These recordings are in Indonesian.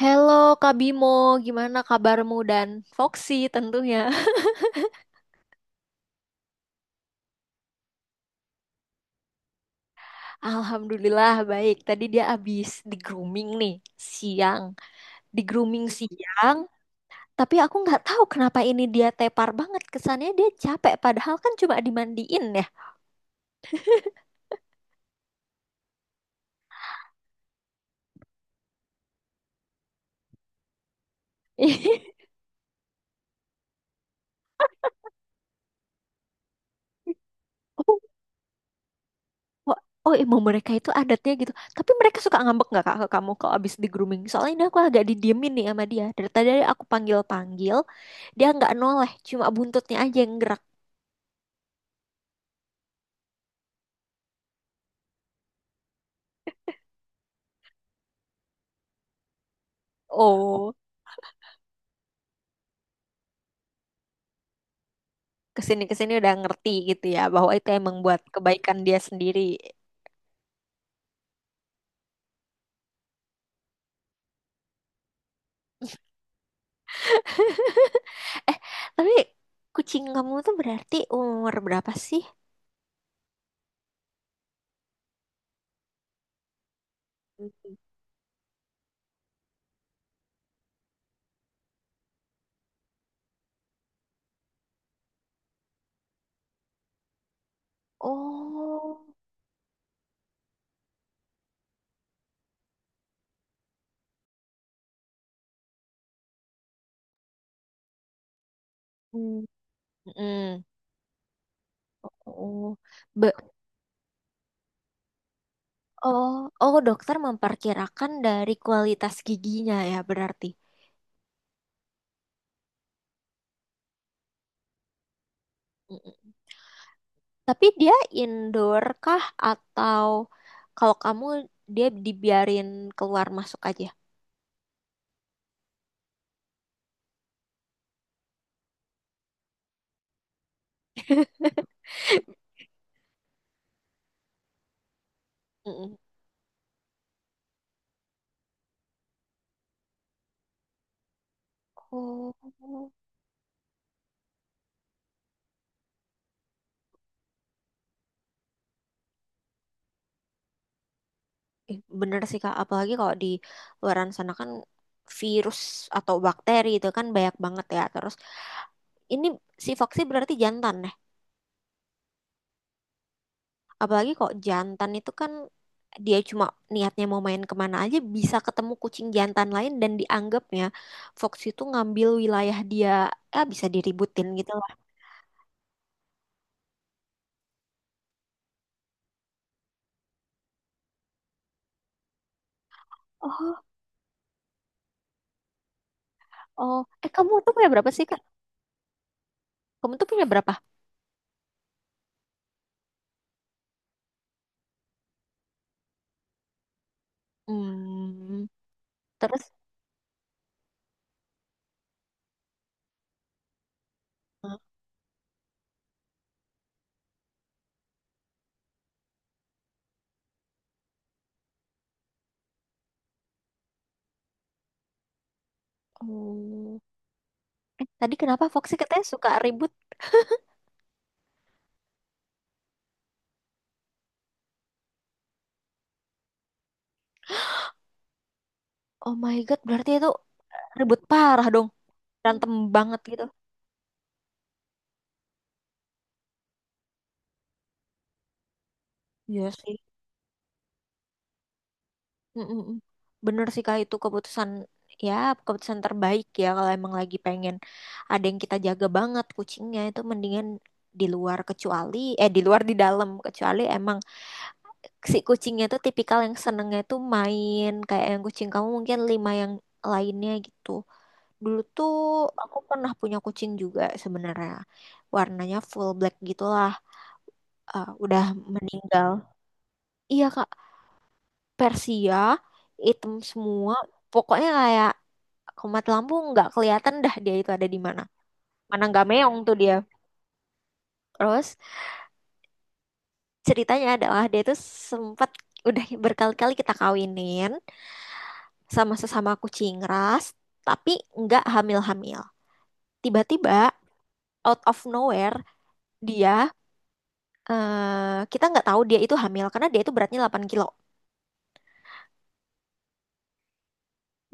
Halo Kak Bimo, gimana kabarmu dan Foxy tentunya? Alhamdulillah baik. Tadi dia habis di grooming nih siang, di grooming siang. Tapi aku nggak tahu kenapa ini dia tepar banget. Kesannya dia capek, padahal kan cuma dimandiin ya. Oh, oh, oh, emang mereka itu adatnya gitu. Tapi mereka suka ngambek nggak Kak ke kamu kalau abis di grooming? Soalnya ini aku agak didiemin nih sama dia. Dari tadi aku panggil-panggil, dia nggak noleh, cuma buntutnya aja yang gerak. Oh. Kesini kesini udah ngerti gitu ya bahwa itu emang buat kebaikan dia sendiri. Eh, tapi kucing kamu tuh berarti umur berapa sih? Oh, mm, mm, oh, Be- oh, oh, dokter memperkirakan dari kualitas giginya ya berarti. Mm. Tapi dia indoor kah atau kalau kamu dia dibiarin keluar masuk aja? Mm. Oh. Ih, bener sih Kak, apalagi kalau di luaran sana kan virus atau bakteri itu kan banyak banget ya. Terus ini si Foxy berarti jantan nih. Apalagi kok jantan itu kan dia cuma niatnya mau main kemana aja bisa ketemu kucing jantan lain dan dianggapnya Foxy itu ngambil wilayah dia, eh bisa diributin gitu lah. Oh, oh, eh kamu tuh punya berapa sih Kak? Kamu tuh punya berapa? Hmm, terus, oh, eh tadi kenapa Foxy katanya suka ribut? Oh my God, berarti itu ribut parah dong. Berantem banget gitu. Iya sih. Mm-mm. Bener sih Kak, itu keputusan, ya, keputusan terbaik ya kalau emang lagi pengen ada yang kita jaga banget kucingnya itu mendingan di luar kecuali, eh, di luar di dalam kecuali emang si kucingnya tuh tipikal yang senengnya tuh main kayak yang kucing kamu mungkin lima yang lainnya gitu. Dulu tuh aku pernah punya kucing juga sebenarnya. Warnanya full black gitulah. Eh, udah meninggal. Iya Kak, Persia, hitam semua. Pokoknya kayak kumat lampu nggak kelihatan dah dia itu ada di mana. Mana nggak meong tuh dia. Terus ceritanya adalah dia itu sempat udah berkali-kali kita kawinin sama sesama kucing ras, tapi nggak hamil-hamil. Tiba-tiba out of nowhere dia, eh, kita nggak tahu dia itu hamil karena dia itu beratnya 8 kilo.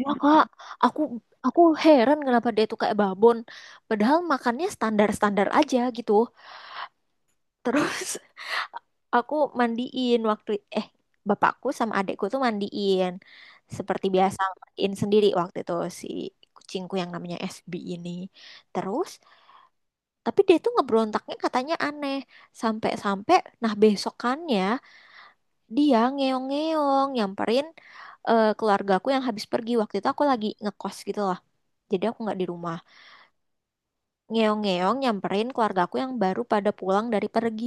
Ya kak, aku aku heran kenapa dia itu kayak babon. Padahal makannya standar-standar aja gitu. Terus aku mandiin waktu, eh, bapakku sama adekku tuh mandiin seperti biasa mandiin sendiri waktu itu si kucingku yang namanya SB ini. Terus tapi dia tuh ngebrontaknya katanya aneh sampai-sampai nah besokannya dia ngeong-ngeong nyamperin, eh, keluargaku yang habis pergi waktu itu aku lagi ngekos gitu lah. Jadi aku nggak di rumah. Ngeong-ngeong nyamperin keluargaku yang baru pada pulang dari pergi.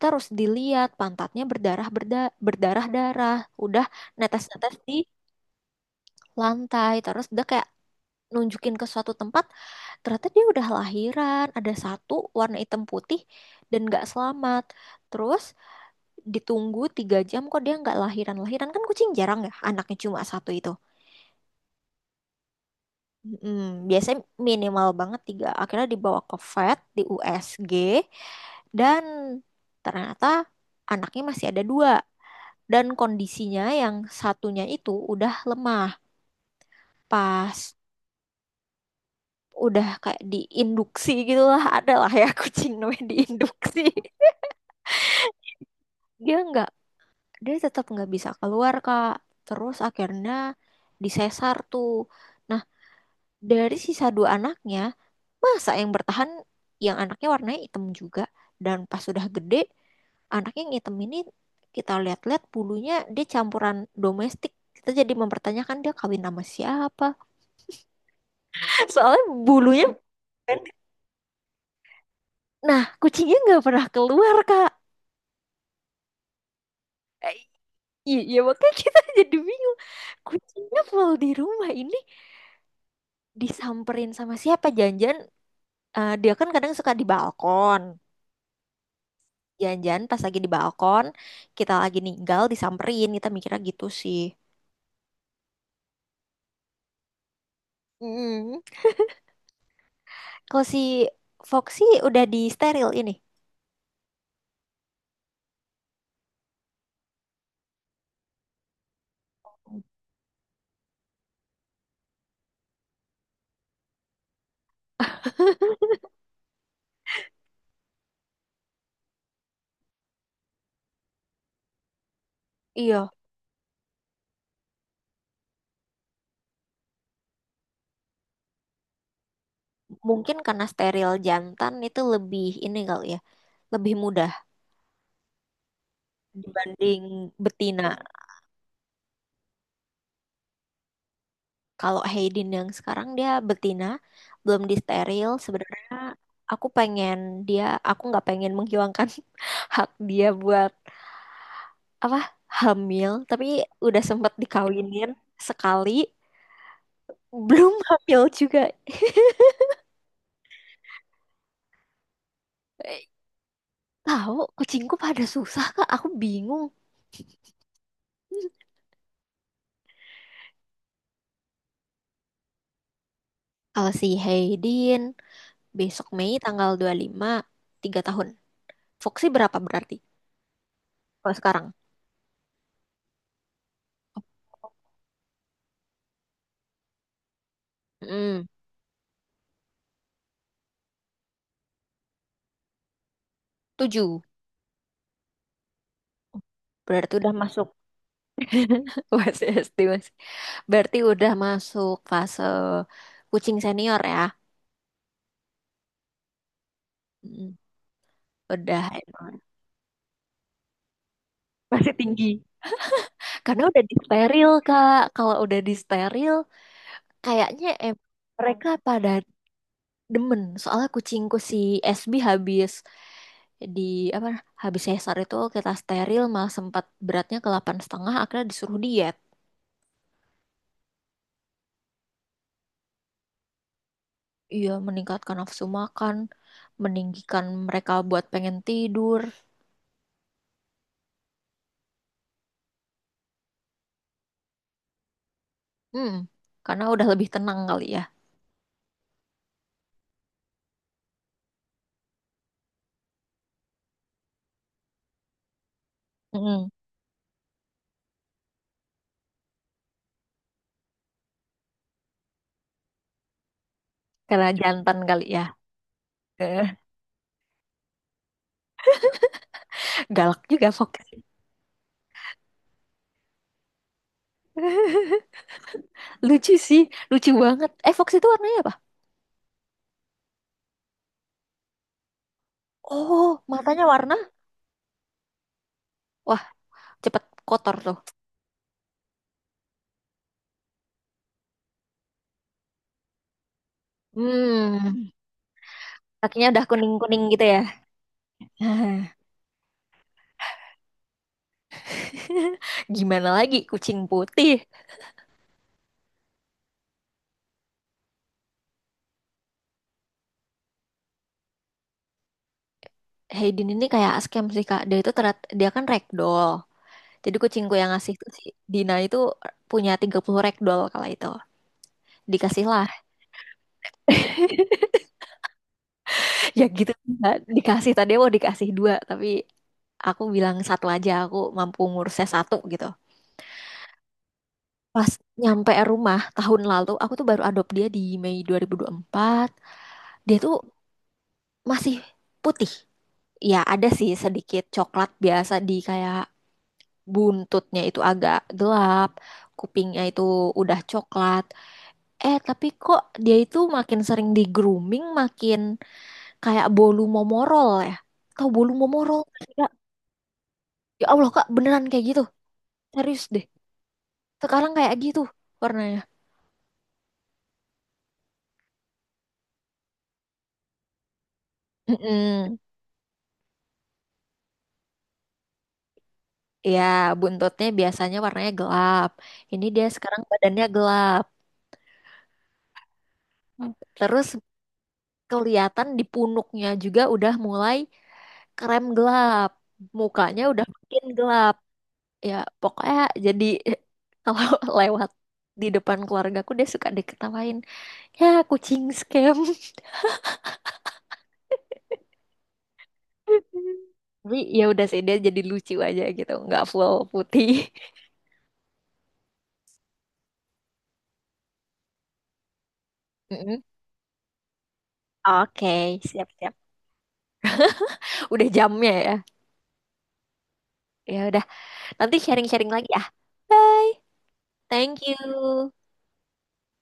Terus dilihat pantatnya berdarah berdarah-darah. Udah netes-netes di lantai. Terus dia kayak nunjukin ke suatu tempat. Ternyata dia udah lahiran. Ada satu warna hitam putih dan nggak selamat. Terus ditunggu 3 jam kok dia nggak lahiran. Lahiran kan kucing jarang ya. Anaknya cuma satu itu. Mm, biasanya minimal banget tiga. Akhirnya dibawa ke vet, di USG, dan ternyata anaknya masih ada dua dan kondisinya yang satunya itu udah lemah. Pas udah kayak diinduksi gitu lah, ada lah ya kucing namanya diinduksi. Dia nggak, dia tetap nggak bisa keluar Kak. Terus akhirnya disesar tuh. Nah, dari sisa dua anaknya, masa yang bertahan yang anaknya warnanya hitam juga. Dan pas sudah gede, anaknya yang hitam ini kita lihat-lihat bulunya dia campuran domestik. Kita jadi mempertanyakan dia kawin sama siapa. Soalnya bulunya. Nah, kucingnya nggak pernah keluar, Kak. Eh, iya, iya, makanya kita jadi bingung. Kucingnya full di rumah ini disamperin sama siapa? Janjian, eh, dia kan kadang suka di balkon. Jangan-jangan pas lagi di balkon, kita lagi ninggal, disamperin, kita mikirnya gitu sih. Mm. Kalau si Foxy udah di steril ini. Iya, mungkin karena steril jantan itu lebih ini kali ya, lebih mudah dibanding betina. Kalau Hayden yang sekarang dia betina, belum di steril. Sebenarnya aku pengen dia, aku nggak pengen menghilangkan hak dia buat apa hamil, tapi udah sempet dikawinin sekali. Belum hamil juga. Eh, tahu, kucingku pada susah, Kak. Aku bingung. Hmm. Kalau si Haydin, besok Mei tanggal 25 3 tahun. Foxy berapa berarti? Kalau sekarang? Hmm, 7. Berarti udah masuk. Masih SD, masih. Berarti udah masuk fase kucing senior ya. Mm, udah emang. Masih tinggi. Karena udah disteril, Kak. Kalau udah disteril, kayaknya mereka pada demen soalnya kucingku si SB habis di apa habis sesar itu kita steril malah sempat beratnya ke 8,5 akhirnya disuruh diet. Iya, meningkatkan nafsu makan, meninggikan mereka buat pengen tidur. Hmm, karena udah lebih tenang kali ya. Mm, karena jantan kali ya. Eh, galak juga Fox. Lucu sih, lucu banget. Eh, Fox itu warnanya apa? Oh, matanya warna, wah, cepet kotor tuh. Hmm, kakinya udah kuning kuning gitu ya. Nah, gimana lagi kucing putih? Hayden ini kayak scam sih Kak. Dia itu terat, dia kan ragdoll. Jadi kucingku yang ngasih itu si Dina itu punya 30 ragdoll kala itu. Dikasih lah. Ya gitu. Kak. Dikasih, tadi mau dikasih dua, tapi aku bilang satu aja, aku mampu ngurusnya satu gitu. Pas nyampe rumah tahun lalu, aku tuh baru adopt dia di Mei dua dua ribu dua puluh empat. Dia tuh masih putih. Ya ada sih sedikit coklat biasa di kayak buntutnya itu agak gelap, kupingnya itu udah coklat. Eh, tapi kok dia itu makin sering di grooming, makin kayak bolu momorol ya. Tahu bolu momorol? Nggak sih, Kak? Ya Allah, Kak, beneran kayak gitu. Serius deh. Sekarang kayak gitu warnanya. Mm-mm. Ya, buntutnya biasanya warnanya gelap. Ini dia sekarang badannya gelap. Terus kelihatan di punuknya juga udah mulai krem gelap. Mukanya udah makin gelap. Ya pokoknya jadi kalau lewat di depan keluargaku dia suka diketawain, ya kucing scam. Tapi ya udah sih, dia jadi lucu aja gitu, nggak full putih. Mm-mm. Oke, siap-siap. Udah jamnya ya. Ya udah, nanti sharing-sharing lagi ya. Bye. Thank you.